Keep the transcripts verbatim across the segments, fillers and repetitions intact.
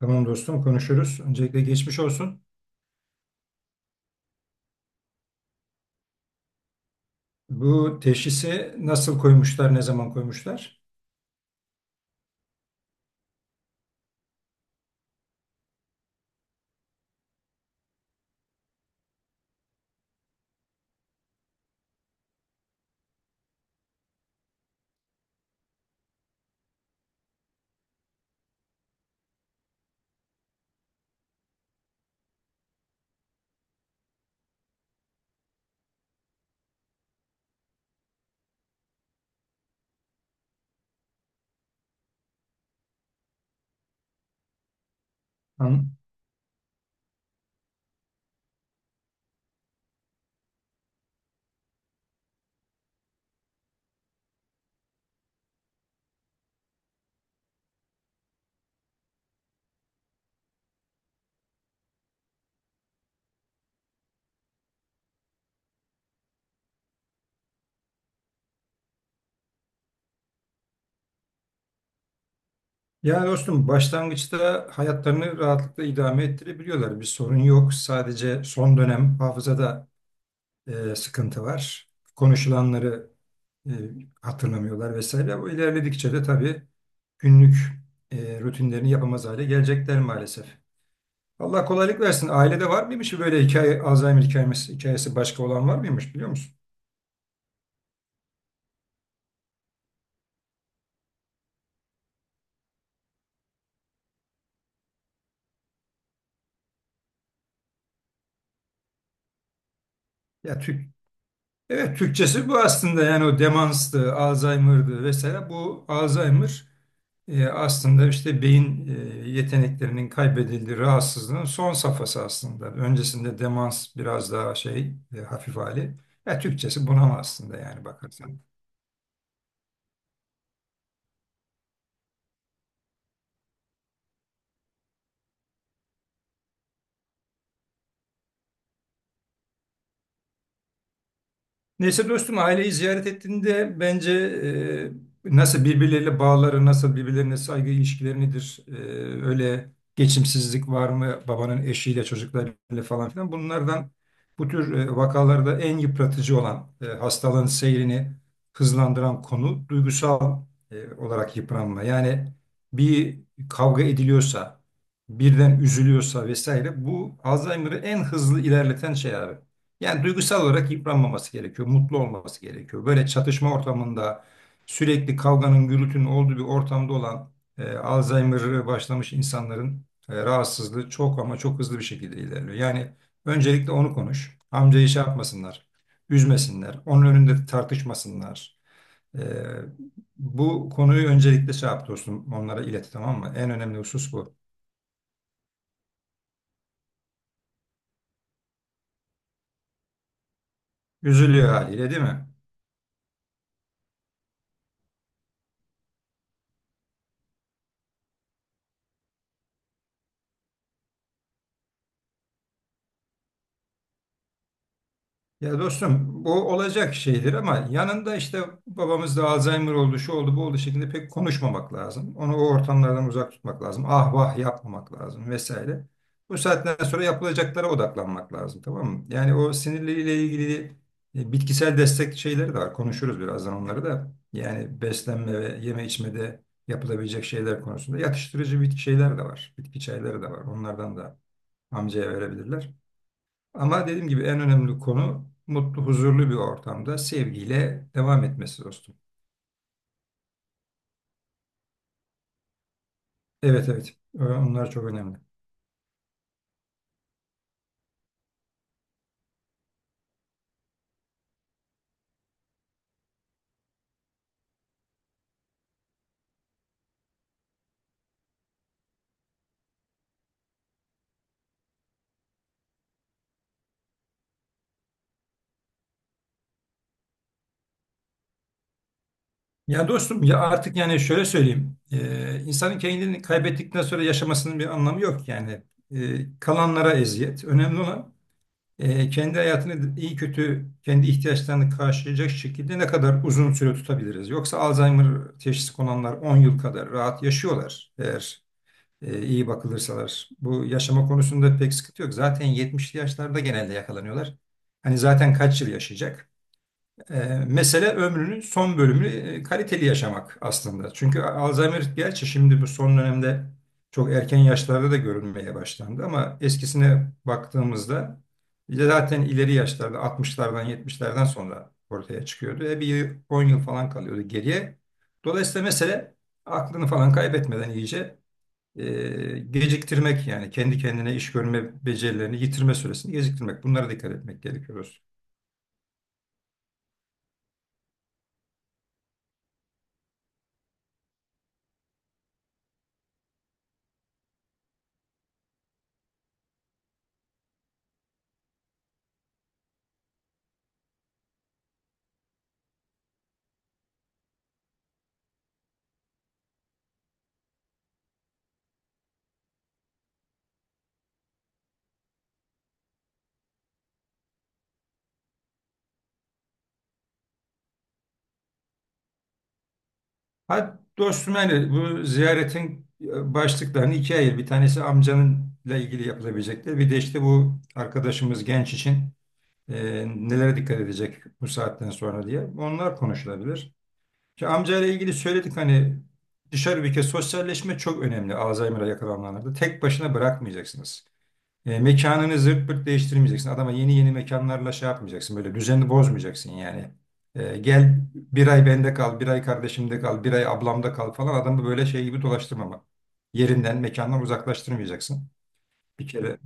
Tamam dostum konuşuruz. Öncelikle geçmiş olsun. Bu teşhisi nasıl koymuşlar, ne zaman koymuşlar? An- Ya dostum başlangıçta hayatlarını rahatlıkla idame ettirebiliyorlar. Bir sorun yok. Sadece son dönem hafızada e, sıkıntı var. Konuşulanları e, hatırlamıyorlar vesaire. Bu ilerledikçe de tabii günlük e, rutinlerini yapamaz hale gelecekler maalesef. Allah kolaylık versin. Ailede var mıymış böyle hikaye, Alzheimer hikayesi, hikayesi başka olan var mıymış biliyor musun? Ya Türk, evet Türkçesi bu aslında, yani o demanstı, Alzheimer'dı vesaire. Bu Alzheimer e, aslında işte beyin e, yeteneklerinin kaybedildiği rahatsızlığın son safhası aslında. Öncesinde demans biraz daha şey, e, hafif hali. Ya Türkçesi bunama aslında yani bakarsan. Neyse dostum, aileyi ziyaret ettiğinde bence e, nasıl birbirleriyle bağları, nasıl birbirlerine saygı ilişkileri nedir, e, öyle geçimsizlik var mı babanın eşiyle çocuklarıyla falan filan, bunlardan bu tür e, vakalarda en yıpratıcı olan e, hastalığın seyrini hızlandıran konu duygusal e, olarak yıpranma. Yani bir kavga ediliyorsa, birden üzülüyorsa vesaire, bu Alzheimer'ı en hızlı ilerleten şey abi. Yani duygusal olarak yıpranmaması gerekiyor, mutlu olması gerekiyor. Böyle çatışma ortamında sürekli kavganın, gürültünün olduğu bir ortamda olan e, Alzheimer'ı başlamış insanların e, rahatsızlığı çok ama çok hızlı bir şekilde ilerliyor. Yani öncelikle onu konuş. Amcayı şey yapmasınlar, üzmesinler, onun önünde tartışmasınlar. E, Bu konuyu öncelikle şey yap dostum, onlara ilet, tamam mı? En önemli husus bu. Üzülüyor haliyle, değil mi? Ya dostum, bu olacak şeydir ama yanında işte babamızda Alzheimer oldu, şu oldu, bu oldu şeklinde pek konuşmamak lazım. Onu o ortamlardan uzak tutmak lazım. Ah vah yapmamak lazım vesaire. Bu saatten sonra yapılacaklara odaklanmak lazım, tamam mı? Yani o sinirleriyle ilgili e, bitkisel destek şeyleri de var. Konuşuruz birazdan onları da. Yani beslenme ve yeme içmede yapılabilecek şeyler konusunda yatıştırıcı bitki şeyler de var. Bitki çayları da var. Onlardan da amcaya verebilirler. Ama dediğim gibi en önemli konu mutlu, huzurlu bir ortamda sevgiyle devam etmesi dostum. Evet, evet. Ee, onlar çok önemli. Ya dostum, ya artık yani şöyle söyleyeyim. Ee, insanın kendini kaybettikten sonra yaşamasının bir anlamı yok yani. Ee, kalanlara eziyet. Önemli olan e, kendi hayatını iyi kötü kendi ihtiyaçlarını karşılayacak şekilde ne kadar uzun süre tutabiliriz. Yoksa Alzheimer teşhisi konanlar on yıl kadar rahat yaşıyorlar eğer e, iyi bakılırsalar. Bu yaşama konusunda pek sıkıntı yok. Zaten yetmişli yaşlarda genelde yakalanıyorlar. Hani zaten kaç yıl yaşayacak? E, Mesele ömrünün son bölümünü e, kaliteli yaşamak aslında. Çünkü Alzheimer, gerçi şimdi bu son dönemde çok erken yaşlarda da görülmeye başlandı, ama eskisine baktığımızda ya zaten ileri yaşlarda altmışlardan yetmişlerden sonra ortaya çıkıyordu. E bir yıl, on yıl falan kalıyordu geriye. Dolayısıyla mesele aklını falan kaybetmeden iyice e, geciktirmek, yani kendi kendine iş görme becerilerini yitirme süresini geciktirmek. Bunlara dikkat etmek gerekiyor dostum. Hadi dostum, yani bu ziyaretin e, başlıklarını ikiye ayır. Bir tanesi amcanınla ilgili yapılabilecekler. Bir de işte bu arkadaşımız genç için e, nelere dikkat edecek bu saatten sonra diye. Onlar konuşulabilir. Ki amcayla ilgili söyledik hani, dışarı bir kez sosyalleşme çok önemli Alzheimer'a yakalananlarda. Tek başına bırakmayacaksınız. E, mekanını zırt pırt değiştirmeyeceksin. Adama yeni yeni mekanlarla şey yapmayacaksın. Böyle düzeni bozmayacaksın yani. E, gel bir ay bende kal, bir ay kardeşimde kal, bir ay ablamda kal falan. Adamı böyle şey gibi dolaştırmama. Yerinden, mekandan uzaklaştırmayacaksın. Bir kere.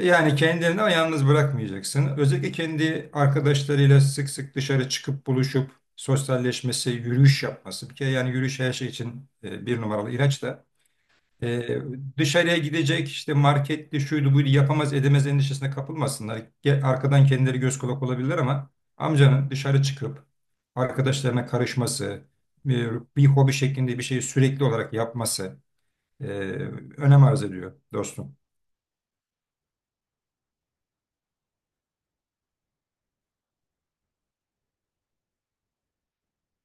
Yani kendini ama yalnız bırakmayacaksın. Özellikle kendi arkadaşlarıyla sık sık dışarı çıkıp buluşup sosyalleşmesi, yürüyüş yapması. Bir kere yani yürüyüş her şey için e, bir numaralı ilaç da. Ee, Dışarıya gidecek işte marketli şuydu buydu yapamaz edemez endişesine kapılmasınlar. Ge- Arkadan kendileri göz kulak olabilirler, ama amcanın dışarı çıkıp arkadaşlarına karışması, bir, bir hobi şeklinde bir şeyi sürekli olarak yapması e, önem arz ediyor dostum.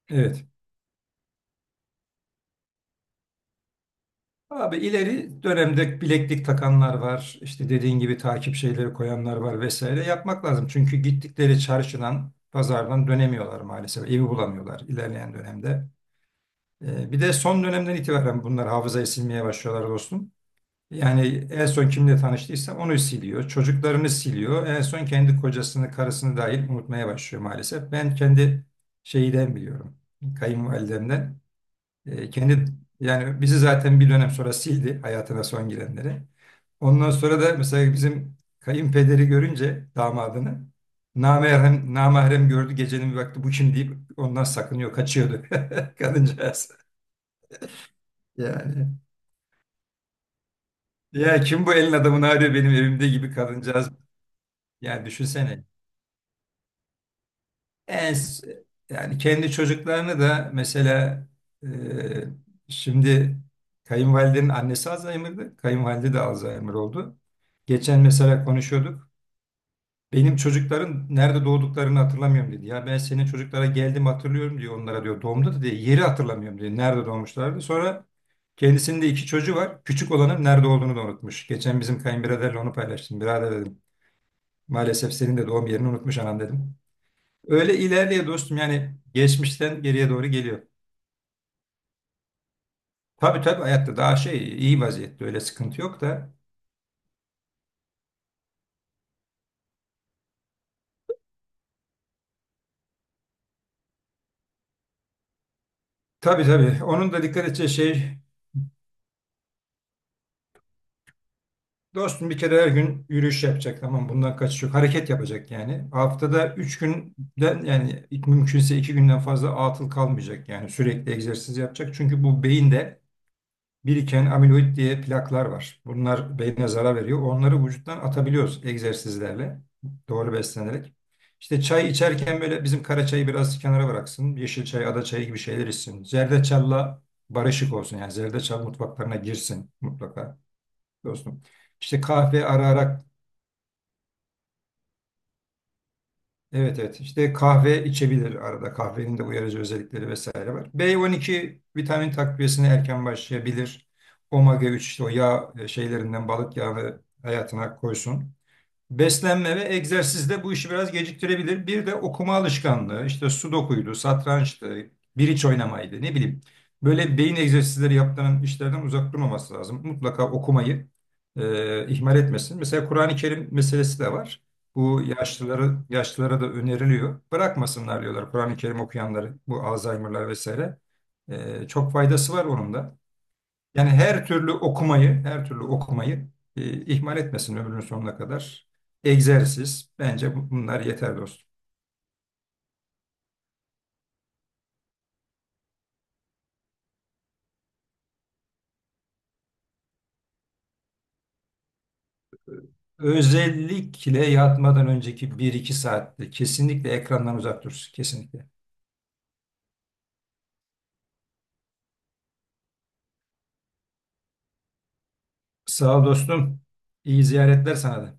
Evet. Abi ileri dönemde bileklik takanlar var. İşte dediğin gibi takip şeyleri koyanlar var vesaire. Yapmak lazım. Çünkü gittikleri çarşıdan, pazardan dönemiyorlar maalesef. Evi bulamıyorlar ilerleyen dönemde. Ee, Bir de son dönemden itibaren bunlar hafızayı silmeye başlıyorlar dostum. Yani en son kimle tanıştıysa onu siliyor. Çocuklarını siliyor. En son kendi kocasını, karısını dahil unutmaya başlıyor maalesef. Ben kendi şeyden biliyorum. Kayınvalidemden. Ee, kendi, yani bizi zaten bir dönem sonra sildi hayatına son girenleri. Ondan sonra da mesela bizim kayınpederi görünce damadını namahrem, namahrem gördü, gecenin bir vakti bu kim deyip ondan sakınıyor, kaçıyordu kadıncağız. Yani, ya kim bu elin adamını arıyor benim evimde, gibi kadıncağız. Yani düşünsene. En, s- Yani kendi çocuklarını da mesela e, şimdi kayınvalidenin annesi Alzheimer'dı. Kayınvalide de Alzheimer oldu. Geçen mesela konuşuyorduk. Benim çocukların nerede doğduklarını hatırlamıyorum dedi. Ya ben senin çocuklara geldim hatırlıyorum diyor onlara diyor. Doğumda da diyor yeri hatırlamıyorum diyor. Nerede doğmuşlardı. Sonra kendisinin de iki çocuğu var. Küçük olanın nerede olduğunu da unutmuş. Geçen bizim kayınbiraderle onu paylaştım. Birader dedim, maalesef senin de doğum yerini unutmuş anam dedim. Öyle ilerliyor dostum, yani geçmişten geriye doğru geliyor. Tabii tabii, hayatta, daha şey iyi vaziyette, öyle sıkıntı yok da. Tabii tabii, onun da dikkat edeceği şey dostum, bir kere her gün yürüyüş yapacak, tamam, bundan kaçış yok. Hareket yapacak yani. Haftada üç günden, yani mümkünse iki günden fazla atıl kalmayacak, yani sürekli egzersiz yapacak. Çünkü bu beyin de biriken amiloid diye plaklar var. Bunlar beyne zarar veriyor. Onları vücuttan atabiliyoruz egzersizlerle, doğru beslenerek. İşte çay içerken böyle bizim kara çayı biraz kenara bıraksın. Yeşil çay, ada çayı gibi şeyler içsin. Zerdeçalla barışık olsun. Yani zerdeçal mutfaklarına girsin mutlaka dostum. İşte kahve ara ara. Evet, evet, işte kahve içebilir, arada kahvenin de uyarıcı özellikleri vesaire var. be on iki vitamin takviyesine erken başlayabilir. Omega üç işte o yağ e, şeylerinden balık yağını hayatına koysun. Beslenme ve egzersiz de bu işi biraz geciktirebilir. Bir de okuma alışkanlığı, işte sudokuydu, satrançtı, biriç oynamaydı, ne bileyim. Böyle beyin egzersizleri yaptıran işlerden uzak durmaması lazım. Mutlaka okumayı e, ihmal etmesin. Mesela Kur'an-ı Kerim meselesi de var. Bu yaşlılara, yaşlılara da öneriliyor. Bırakmasınlar diyorlar Kur'an-ı Kerim okuyanları, bu Alzheimer'lar vesaire. E, çok faydası var onun da. Yani her türlü okumayı, her türlü okumayı e, ihmal etmesin ömrünün sonuna kadar. Egzersiz, bence bu- bunlar yeter dostum. Özellikle yatmadan önceki bir iki saatte kesinlikle ekrandan uzak dursun, kesinlikle. Sağ ol dostum. İyi ziyaretler sana da.